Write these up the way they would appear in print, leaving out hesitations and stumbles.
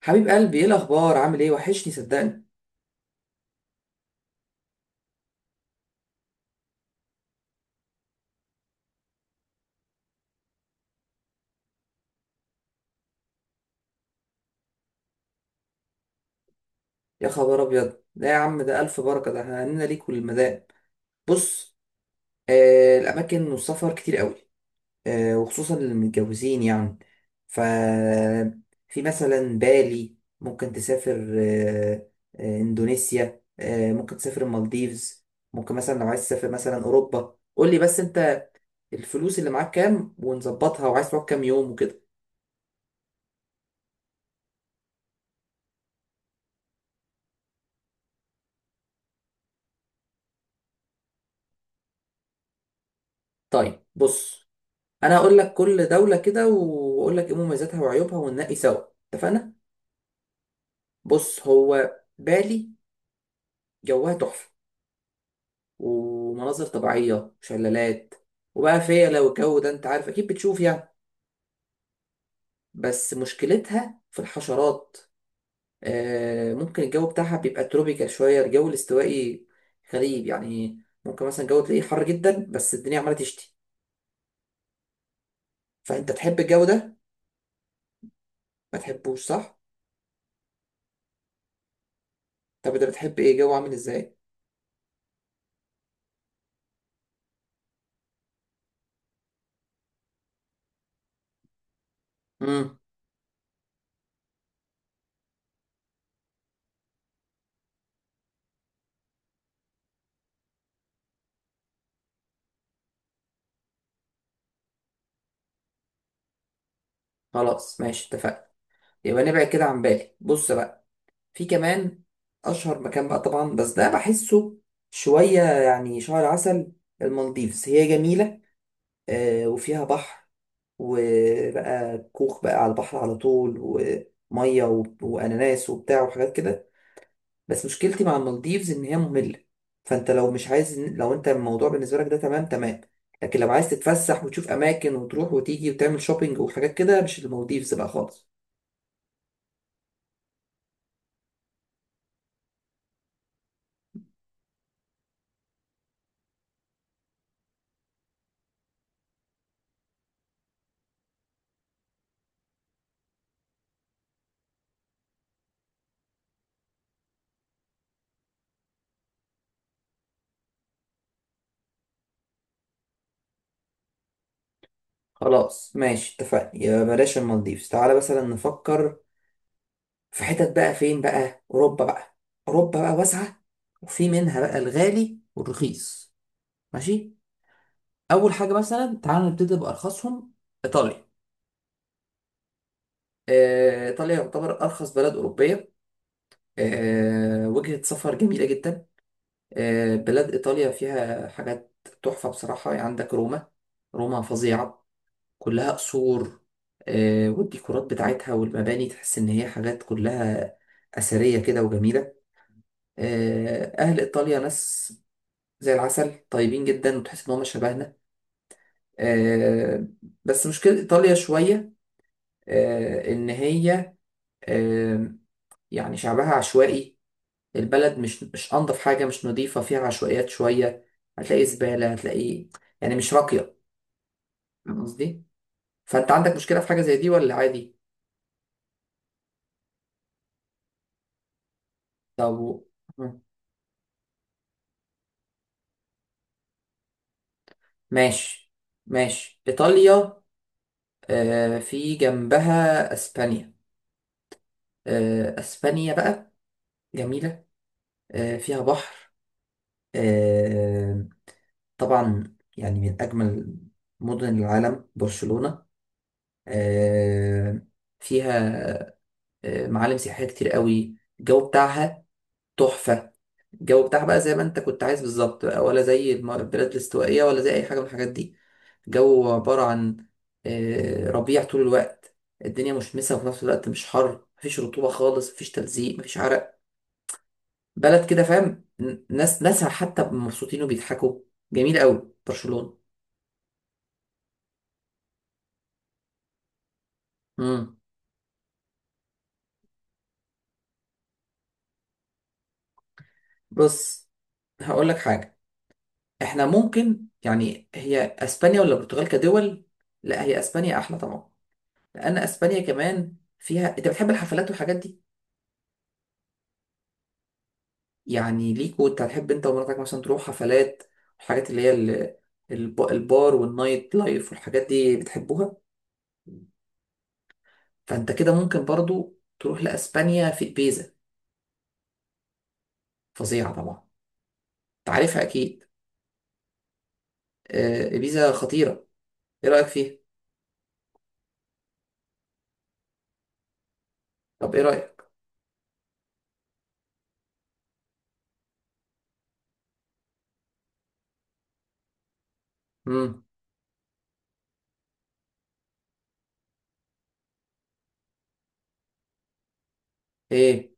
حبيب قلبي، ايه الاخبار؟ عامل ايه؟ وحشني صدقني. يا خبر ابيض! لا يا عم، ده الف بركه، ده احنا هنينا ليك وللمدام. بص، الاماكن والسفر كتير قوي. وخصوصا للمتجوزين يعني. ف في مثلا بالي، ممكن تسافر، اندونيسيا، ممكن تسافر المالديفز. ممكن مثلا لو عايز تسافر مثلا اوروبا قول لي. بس انت الفلوس اللي معاك كام ونظبطها، وعايز تقعد كام يوم وكده. طيب بص، انا هقول لك كل دولة كده واقول لك ايه مميزاتها وعيوبها وننقي سوا. اتفقنا؟ بص، هو بالي جوها تحفة، ومناظر طبيعية وشلالات. وبقى فيا، لو الجو ده انت عارف اكيد بتشوف يعني. بس مشكلتها في الحشرات. ممكن الجو بتاعها بيبقى تروبيكال شوية، الجو الاستوائي غريب يعني. ممكن مثلا الجو تلاقيه حر جدا بس الدنيا عمالة تشتي. فانت تحب الجو ده؟ ما تحبوش صح؟ طب انت بتحب ايه؟ جو عامل ازاي؟ امم خلاص، ماشي اتفقنا. يبقى نبعد كده عن بالي. بص بقى، في كمان اشهر مكان بقى طبعا، بس ده بحسه شويه يعني شهر عسل. المالديفز هي جميله، وفيها بحر، وبقى كوخ بقى على البحر على طول، وميه واناناس وبتاع وحاجات كده. بس مشكلتي مع المالديفز ان هي ممله. فانت لو مش عايز، لو انت الموضوع بالنسبه لك ده تمام تمام. لكن لو عايز تتفسح وتشوف اماكن وتروح وتيجي وتعمل شوبينج وحاجات كده، مش المالديفز بقى خالص. خلاص، ماشي اتفقنا. يبقى بلاش المالديفز، تعالى مثلا نفكر في حتت بقى. فين بقى؟ أوروبا بقى. أوروبا بقى واسعة، وفي منها بقى الغالي والرخيص. ماشي. أول حاجة مثلا تعالى نبتدي بأرخصهم، إيطاليا. إيطاليا يعتبر أرخص بلد أوروبية. وجهة سفر جميلة جدا. بلاد إيطاليا فيها حاجات تحفة بصراحة. يعني عندك روما، روما فظيعة، كلها قصور. والديكورات بتاعتها والمباني تحس إن هي حاجات كلها أثرية كده وجميلة. أهل إيطاليا ناس زي العسل، طيبين جدا، وتحس إن هم شبهنا. آه، بس مشكلة إيطاليا شوية، إن هي آه، يعني شعبها عشوائي. البلد مش أنظف حاجة، مش نظيفة، فيها عشوائيات شوية. هتلاقي زبالة، هتلاقي يعني مش راقية. فاهم قصدي؟ فأنت عندك مشكلة في حاجة زي دي ولا عادي؟ طب ماشي، إيطاليا. في جنبها أسبانيا. أسبانيا بقى جميلة، فيها بحر، آه طبعا يعني من أجمل مدن العالم برشلونة. آه فيها معالم سياحية كتير قوي. الجو بتاعها تحفة. الجو بتاعها بقى زي ما انت كنت عايز بالظبط بقى، ولا زي البلاد الاستوائية، ولا زي اي حاجة من الحاجات دي. الجو عبارة عن ربيع طول الوقت. الدنيا مشمسة، وفي نفس الوقت مش حر، مفيش رطوبة خالص، مفيش تلزيق، مفيش عرق. بلد كده فاهم. ناسها حتى مبسوطين وبيضحكوا. جميل قوي برشلونة. امم بص، هقول لك حاجة. احنا ممكن يعني، هي اسبانيا ولا البرتغال كدول؟ لا، هي اسبانيا احلى طبعا، لان اسبانيا كمان فيها، انت بتحب الحفلات والحاجات دي. يعني ليك، وانت هتحب انت ومراتك مثلا تروح حفلات. الحاجات اللي هي البار والنايت لايف والحاجات دي بتحبوها. فانت كده ممكن برضو تروح لاسبانيا، في ابيزا. فظيعه طبعا، انت عارفها اكيد. ابيزا خطيره. ايه رايك فيها؟ طب ايه رايك؟ امم ايه؟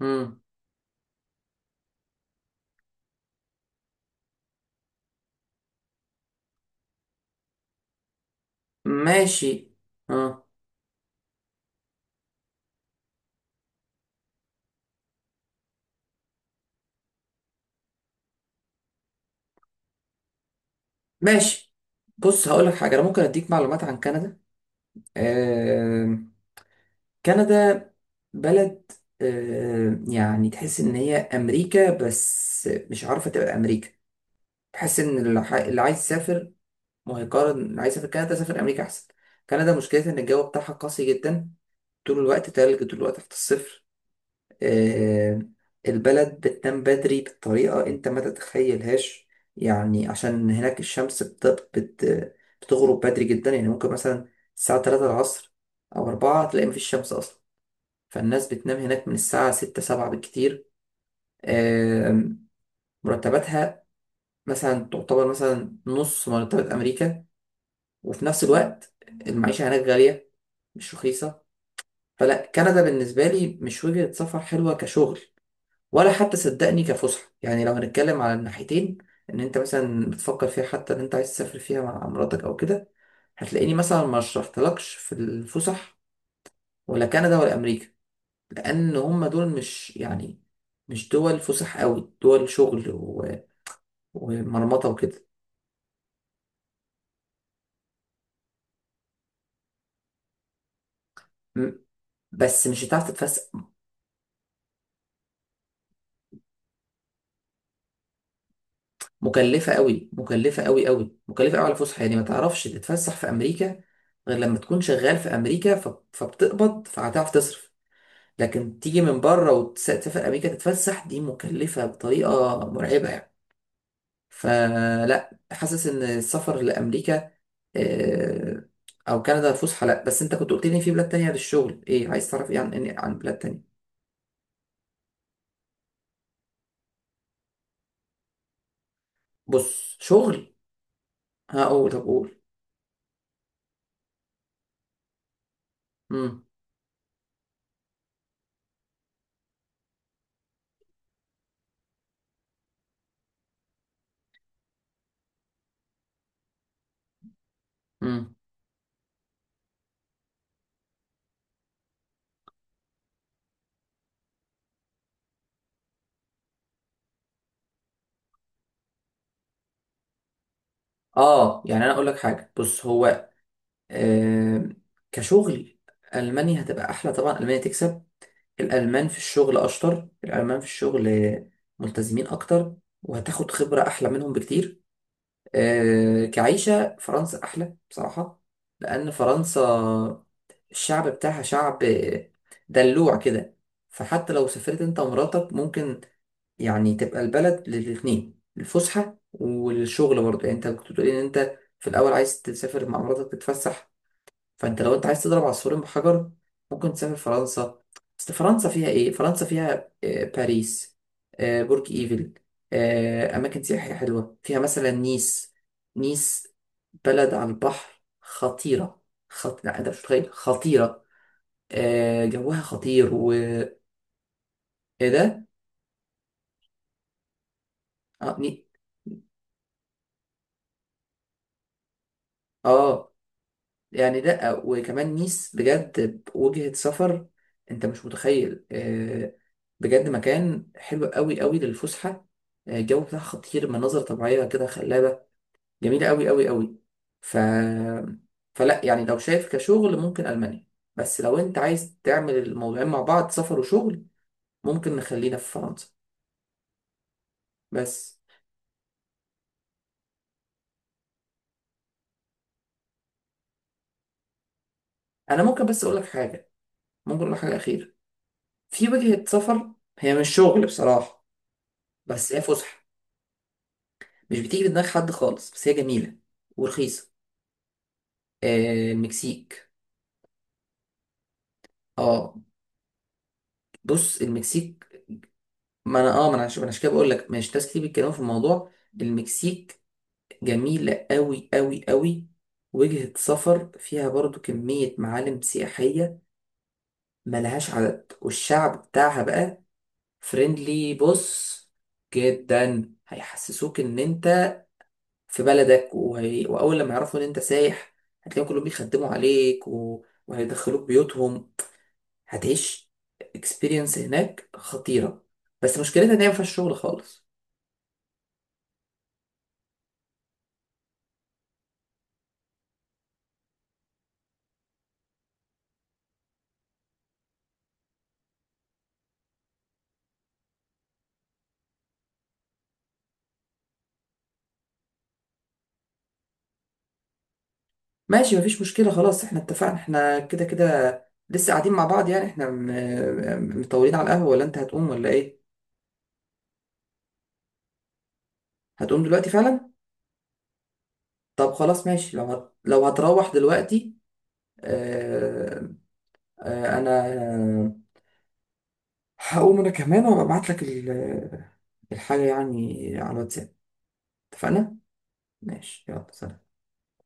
امم ماشي. اه، ماشي. بص هقول لك حاجه، انا ممكن اديك معلومات عن كندا. آه، كندا بلد، يعني تحس ان هي امريكا بس مش عارفه تبقى امريكا. تحس ان اللي عايز يسافر ما هيقارن. اللي عايز يسافر كندا سافر امريكا احسن. كندا مشكلتها ان الجو بتاعها قاسي جدا، طول الوقت تلج، طول الوقت تحت الصفر. آه، البلد بتنام بدري بطريقه انت ما تتخيلهاش. يعني عشان هناك الشمس بت... بتغرب بدري جدا. يعني ممكن مثلا الساعه 3 العصر او 4 تلاقي مفيش شمس اصلا. فالناس بتنام هناك من الساعة ستة سبعة بالكتير. آم، مرتباتها مثلا تعتبر مثلا نص مرتبات أمريكا. وفي نفس الوقت المعيشة هناك غالية، مش رخيصة. فلا كندا بالنسبة لي مش وجهة سفر حلوة كشغل، ولا حتى صدقني كفسحة، يعني لو هنتكلم على الناحيتين. إن أنت مثلا بتفكر فيها، حتى إن أنت عايز تسافر فيها مع مراتك أو كده، هتلاقيني مثلا ما شرحتلكش في الفسح، ولا كندا ولا أمريكا. لان هم دول مش، يعني مش دول فسح قوي، دول شغل ومرمطه وكده. م- بس مش هتعرف تتفسح. مكلفه قوي، مكلفه قوي قوي، مكلفه قوي على الفسحه، يعني ما تعرفش تتفسح في امريكا غير لما تكون شغال في امريكا، فبتقبض فهتعرف تصرف. لكن تيجي من بره وتسافر امريكا تتفسح، دي مكلفه بطريقه مرعبه يعني. فلا حاسس ان السفر لامريكا آه، او كندا فسحه. لا، بس انت كنت قلت لي في بلاد تانية للشغل، ايه عايز تعرف؟ ايه عن بلاد تانية؟ بص، شغل هقول. طب قول. امم امم اه، يعني انا اقول لك حاجه. بص هو، آه كشغل المانيا هتبقى احلى طبعا. المانيا تكسب. الالمان في الشغل اشطر، الالمان في الشغل ملتزمين اكتر، وهتاخد خبره احلى منهم بكتير. كعيشة، فرنسا أحلى بصراحة. لأن فرنسا الشعب بتاعها شعب دلوع كده. فحتى لو سافرت أنت ومراتك، ممكن يعني تبقى البلد للاتنين الفسحة والشغل برضه. يعني أنت كنت بتقولي إن أنت في الأول عايز تسافر مع مراتك تتفسح. فانت لو انت عايز تضرب عصفورين بحجر، ممكن تسافر فرنسا. بس فرنسا فيها ايه؟ فرنسا فيها باريس، برج ايفل، اماكن سياحية حلوة، فيها مثلا نيس. نيس بلد على البحر، خطيرة. لا، انت مش متخيل خطيرة. جوها خطير و ايه ده. اه ني... اه يعني لا، وكمان نيس بجد وجهة سفر. انت مش متخيل، بجد مكان حلو قوي قوي للفسحة. الجو بتاعها خطير، مناظر طبيعية كده خلابة، جميلة قوي قوي قوي. ف... فلا يعني لو شايف كشغل ممكن ألمانيا. بس لو انت عايز تعمل الموضوعين مع بعض، سفر وشغل، ممكن نخلينا في فرنسا. بس انا ممكن بس اقول لك حاجة، ممكن اقول لك حاجة أخيرة. في وجهة سفر، هي مش شغل بصراحة، بس هي فسحة. مش بتيجي في دماغ حد خالص، بس هي جميلة ورخيصة. المكسيك. اه، بص المكسيك. ما انا اه ما انا عش- ما أنا عشان كده بقول لك، مش ناس كتير بيتكلموا في الموضوع. المكسيك جميلة قوي قوي قوي، وجهة سفر فيها برضو كمية معالم سياحية ملهاش عدد. والشعب بتاعها بقى فريندلي بص، جدا، هيحسسوك ان انت في بلدك. واول لما يعرفوا ان انت سايح، هتلاقيهم كلهم بيخدموا عليك وهيدخلوك بيوتهم. هتعيش اكسبيرينس هناك خطيرة. بس مشكلتها ان هي ما فيهاش شغل خالص. ماشي مفيش مشكلة، خلاص احنا اتفقنا، احنا كده كده لسه قاعدين مع بعض يعني. احنا مطولين على القهوة، ولا انت هتقوم ولا ايه؟ هتقوم دلوقتي فعلا؟ طب خلاص ماشي، لو هتروح دلوقتي، اه... اه... انا هقوم انا كمان وابعت لك الحاجة يعني على الواتساب. اتفقنا؟ ماشي، يلا سلام.